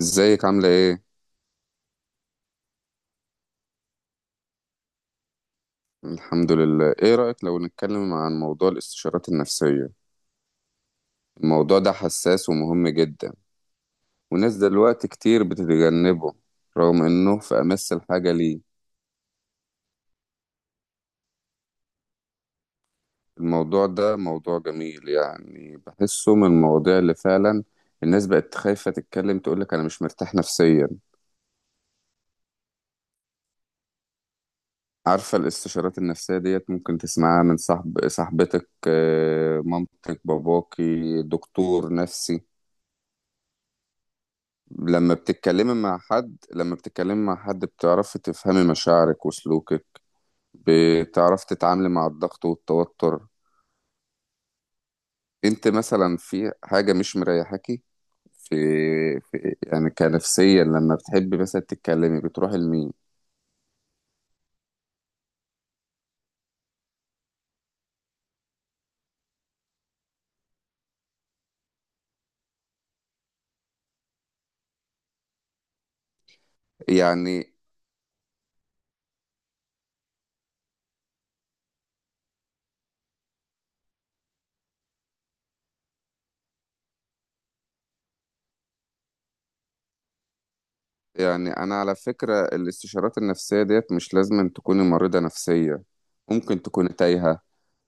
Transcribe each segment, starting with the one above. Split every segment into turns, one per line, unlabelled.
ازيك عاملة ايه؟ الحمد لله. ايه رأيك لو نتكلم عن موضوع الاستشارات النفسية؟ الموضوع ده حساس ومهم جدا، وناس دلوقتي كتير بتتجنبه رغم انه في امس الحاجة ليه. الموضوع ده موضوع جميل، يعني بحسه من المواضيع اللي فعلا الناس بقت خايفة تتكلم تقولك انا مش مرتاح نفسيا. عارفة الاستشارات النفسية ديت ممكن تسمعها من صاحب صاحبتك، مامتك، باباكي، دكتور نفسي. لما بتتكلمي مع حد بتعرفي تفهمي مشاعرك وسلوكك، بتعرفي تتعاملي مع الضغط والتوتر. انت مثلا في حاجة مش مريحاكي، في, في يعني كنفسيا لما بتحبي مثلا تتكلمي بتروحي لمين؟ يعني، يعني انا على فكرة الاستشارات النفسية ديت مش لازم أن تكوني مريضة نفسية، ممكن تكوني تايهة،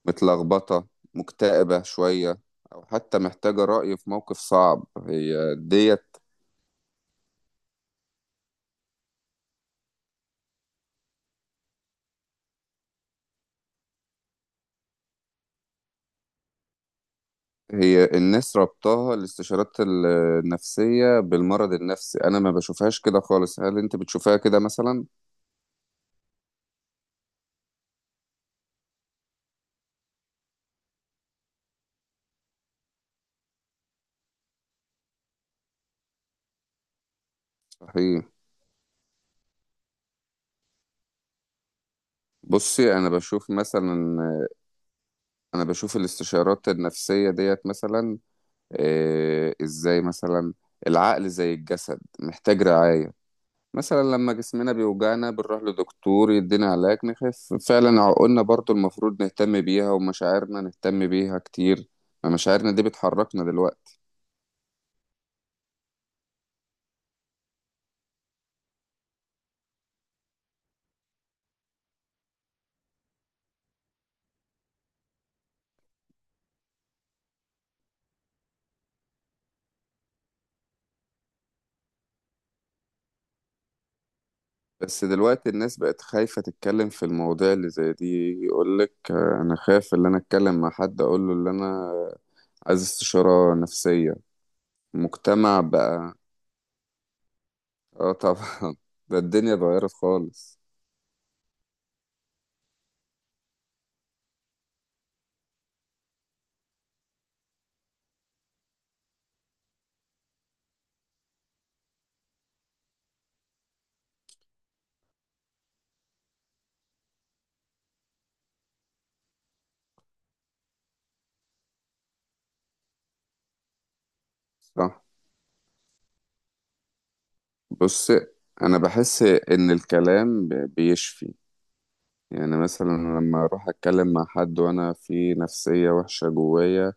متلخبطة، مكتئبة شوية، أو حتى محتاجة رأي في موقف صعب. هي ديت. هي الناس ربطها الاستشارات النفسية بالمرض النفسي، أنا ما بشوفهاش كده خالص، هل أنت بتشوفها كده مثلا؟ صحيح. بصي أنا بشوف مثلا، أنا بشوف الاستشارات النفسية ديت مثلا إيه إزاي مثلا. العقل زي الجسد محتاج رعاية. مثلا لما جسمنا بيوجعنا بنروح لدكتور يدينا علاج نخف فعلا، عقولنا برضو المفروض نهتم بيها، ومشاعرنا نهتم بيها كتير، ما مشاعرنا دي بتحركنا دلوقتي. بس دلوقتي الناس بقت خايفة تتكلم في المواضيع اللي زي دي، يقولك أنا خايف إن أنا أتكلم مع حد أقوله إن أنا عايز استشارة نفسية. مجتمع بقى. آه طبعا. ده الدنيا اتغيرت خالص. صح. بص أنا بحس إن الكلام بيشفي، يعني مثلا لما أروح أتكلم مع حد وأنا في نفسية وحشة جوايا،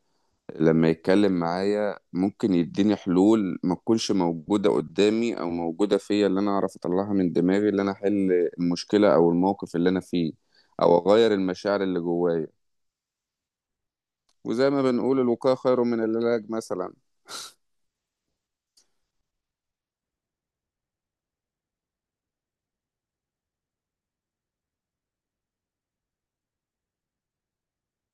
لما يتكلم معايا ممكن يديني حلول ما تكونش موجودة قدامي أو موجودة فيا، اللي أنا أعرف أطلعها من دماغي، اللي أنا أحل المشكلة أو الموقف اللي أنا فيه، أو أغير المشاعر اللي جوايا. وزي ما بنقول، الوقاية خير من العلاج مثلا.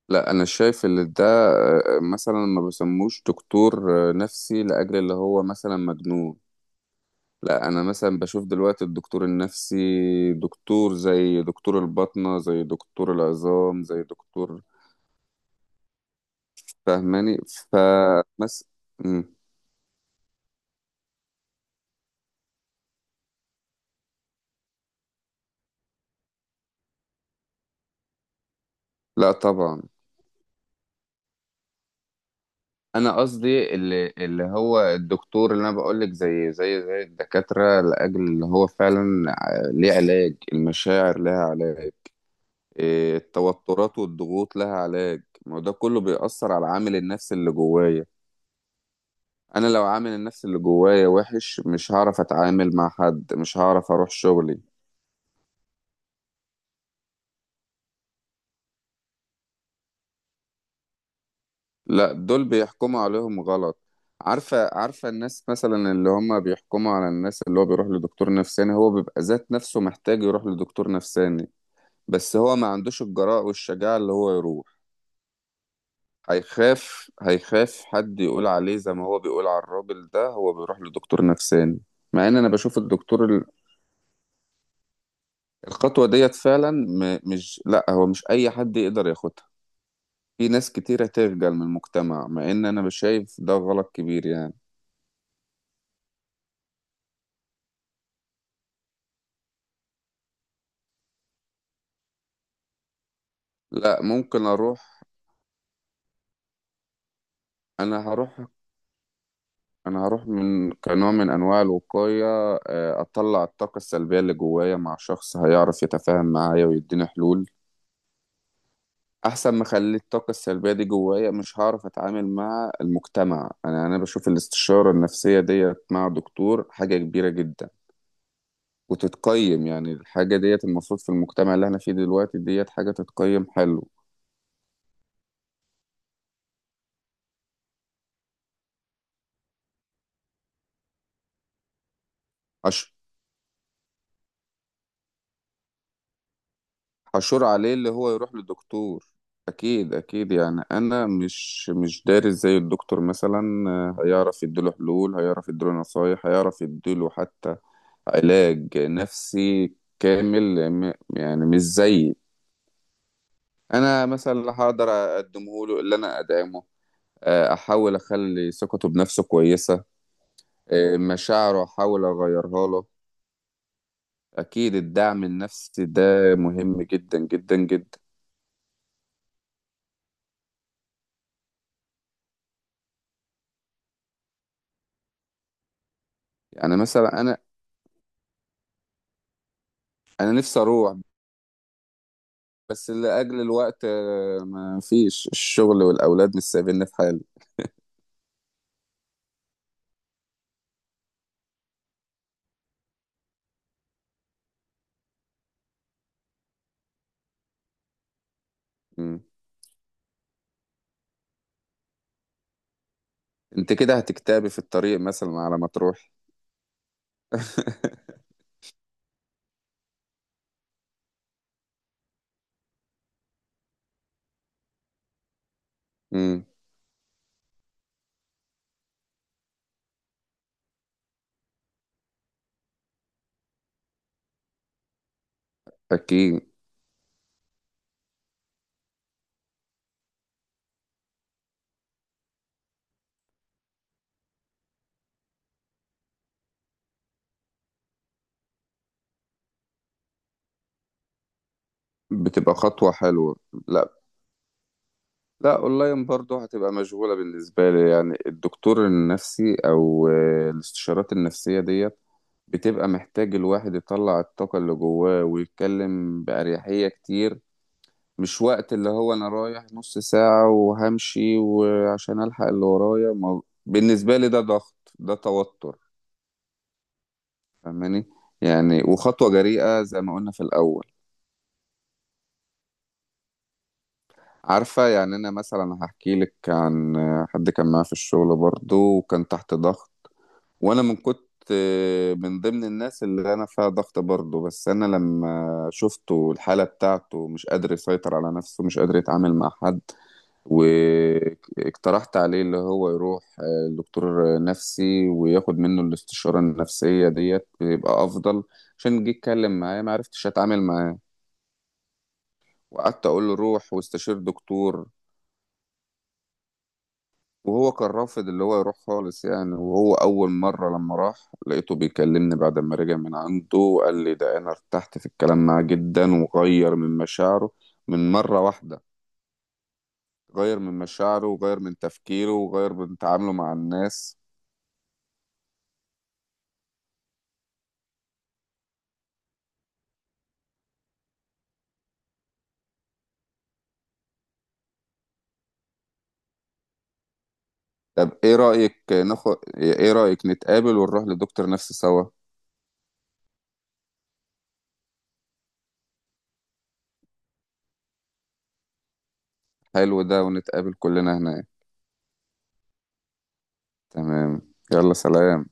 لا أنا شايف إن ده مثلا ما بسموش دكتور نفسي لأجل اللي هو مثلا مجنون، لا انا مثلا بشوف دلوقتي الدكتور النفسي دكتور زي دكتور الباطنة زي دكتور العظام زي دكتور. فاهماني؟ فمس مم. لا طبعا. انا قصدي اللي هو الدكتور اللي انا بقول لك زي الدكاتره، لاجل اللي هو فعلا ليه علاج، المشاعر لها علاج، إيه، التوترات والضغوط لها علاج، ما هو ده كله بيأثر على العامل النفسي اللي جوايا. انا لو عامل النفسي اللي جوايا وحش مش هعرف اتعامل مع حد، مش هعرف اروح شغلي. لا دول بيحكموا عليهم غلط. عارفة الناس مثلا اللي هم بيحكموا على الناس اللي هو بيروح لدكتور نفساني هو بيبقى ذات نفسه محتاج يروح لدكتور نفساني، بس هو ما عندوش الجراءة والشجاعة اللي هو يروح، هيخاف هيخاف حد يقول عليه زي ما هو بيقول على الراجل ده هو بيروح لدكتور نفساني. مع ان انا بشوف الدكتور الخطوة ديت فعلا مش لا هو مش اي حد يقدر ياخدها. في ناس كتيرة تخجل من المجتمع مع ان انا بشايف ده غلط كبير يعني. لا، ممكن اروح. انا هروح انا هروح من كنوع من انواع الوقايه، اطلع الطاقه السلبيه اللي جوايا مع شخص هيعرف يتفاهم معايا ويديني حلول. احسن ما اخلي الطاقه السلبيه دي جوايا مش هعرف اتعامل مع المجتمع. انا بشوف الاستشاره النفسيه ديت مع دكتور حاجه كبيره جدا، وتتقيم يعني الحاجه ديت المفروض في المجتمع اللي احنا فيه دلوقتي ديت حاجه تتقيم. حلو. أش- حشور عليه اللي هو يروح للدكتور. اكيد اكيد، يعني انا مش دارس زي الدكتور مثلا، هيعرف يديله حلول، هيعرف يديله نصايح، هيعرف يديله حتى علاج نفسي كامل يعني مش زي انا مثلا. لا هقدر اقدمه له، اللي انا ادعمه، احاول اخلي ثقته بنفسه كويسة، مشاعره احاول اغيرها له. اكيد الدعم النفسي ده مهم جدا جدا جدا. يعني مثلا انا نفسي اروح، بس لأجل الوقت، ما فيش، الشغل والأولاد مش سايبيني في حالي. مم. انت كده هتكتبي في الطريق مثلا على ما تروحي. امم. اكيد بتبقى خطوة حلوة. لا لا، اونلاين برضو هتبقى مشغولة بالنسبة لي، يعني الدكتور النفسي او الاستشارات النفسية ديت بتبقى محتاج الواحد يطلع الطاقة اللي جواه ويتكلم بأريحية كتير، مش وقت اللي هو انا رايح نص ساعة وهمشي، وعشان الحق اللي ورايا، ما بالنسبة لي ده ضغط، ده توتر. فاهماني؟ يعني وخطوة جريئة زي ما قلنا في الاول. عارفة، يعني انا مثلا هحكي لك عن حد كان معايا في الشغل برضو وكان تحت ضغط، وانا من كنت من ضمن الناس اللي انا فيها ضغط برضو، بس انا لما شفته الحالة بتاعته مش قادر يسيطر على نفسه، مش قادر يتعامل مع حد، واقترحت عليه اللي هو يروح لدكتور نفسي وياخد منه الاستشارة النفسية ديت بيبقى أفضل، عشان جيت أتكلم معاه ما عرفتش أتعامل معاه، وقعدت أقول له روح واستشير دكتور. وهو كان رافض اللي هو يروح خالص يعني، وهو أول مرة لما راح لقيته بيكلمني بعد ما رجع من عنده قال لي ده أنا ارتحت في الكلام معاه جدا وغير من مشاعره من مرة واحدة، غير من مشاعره وغير من تفكيره وغير من تعامله مع الناس. طب ايه رأيك نتقابل ونروح لدكتور نفسي سوا؟ حلو ده، ونتقابل كلنا هناك. تمام، يلا سلام.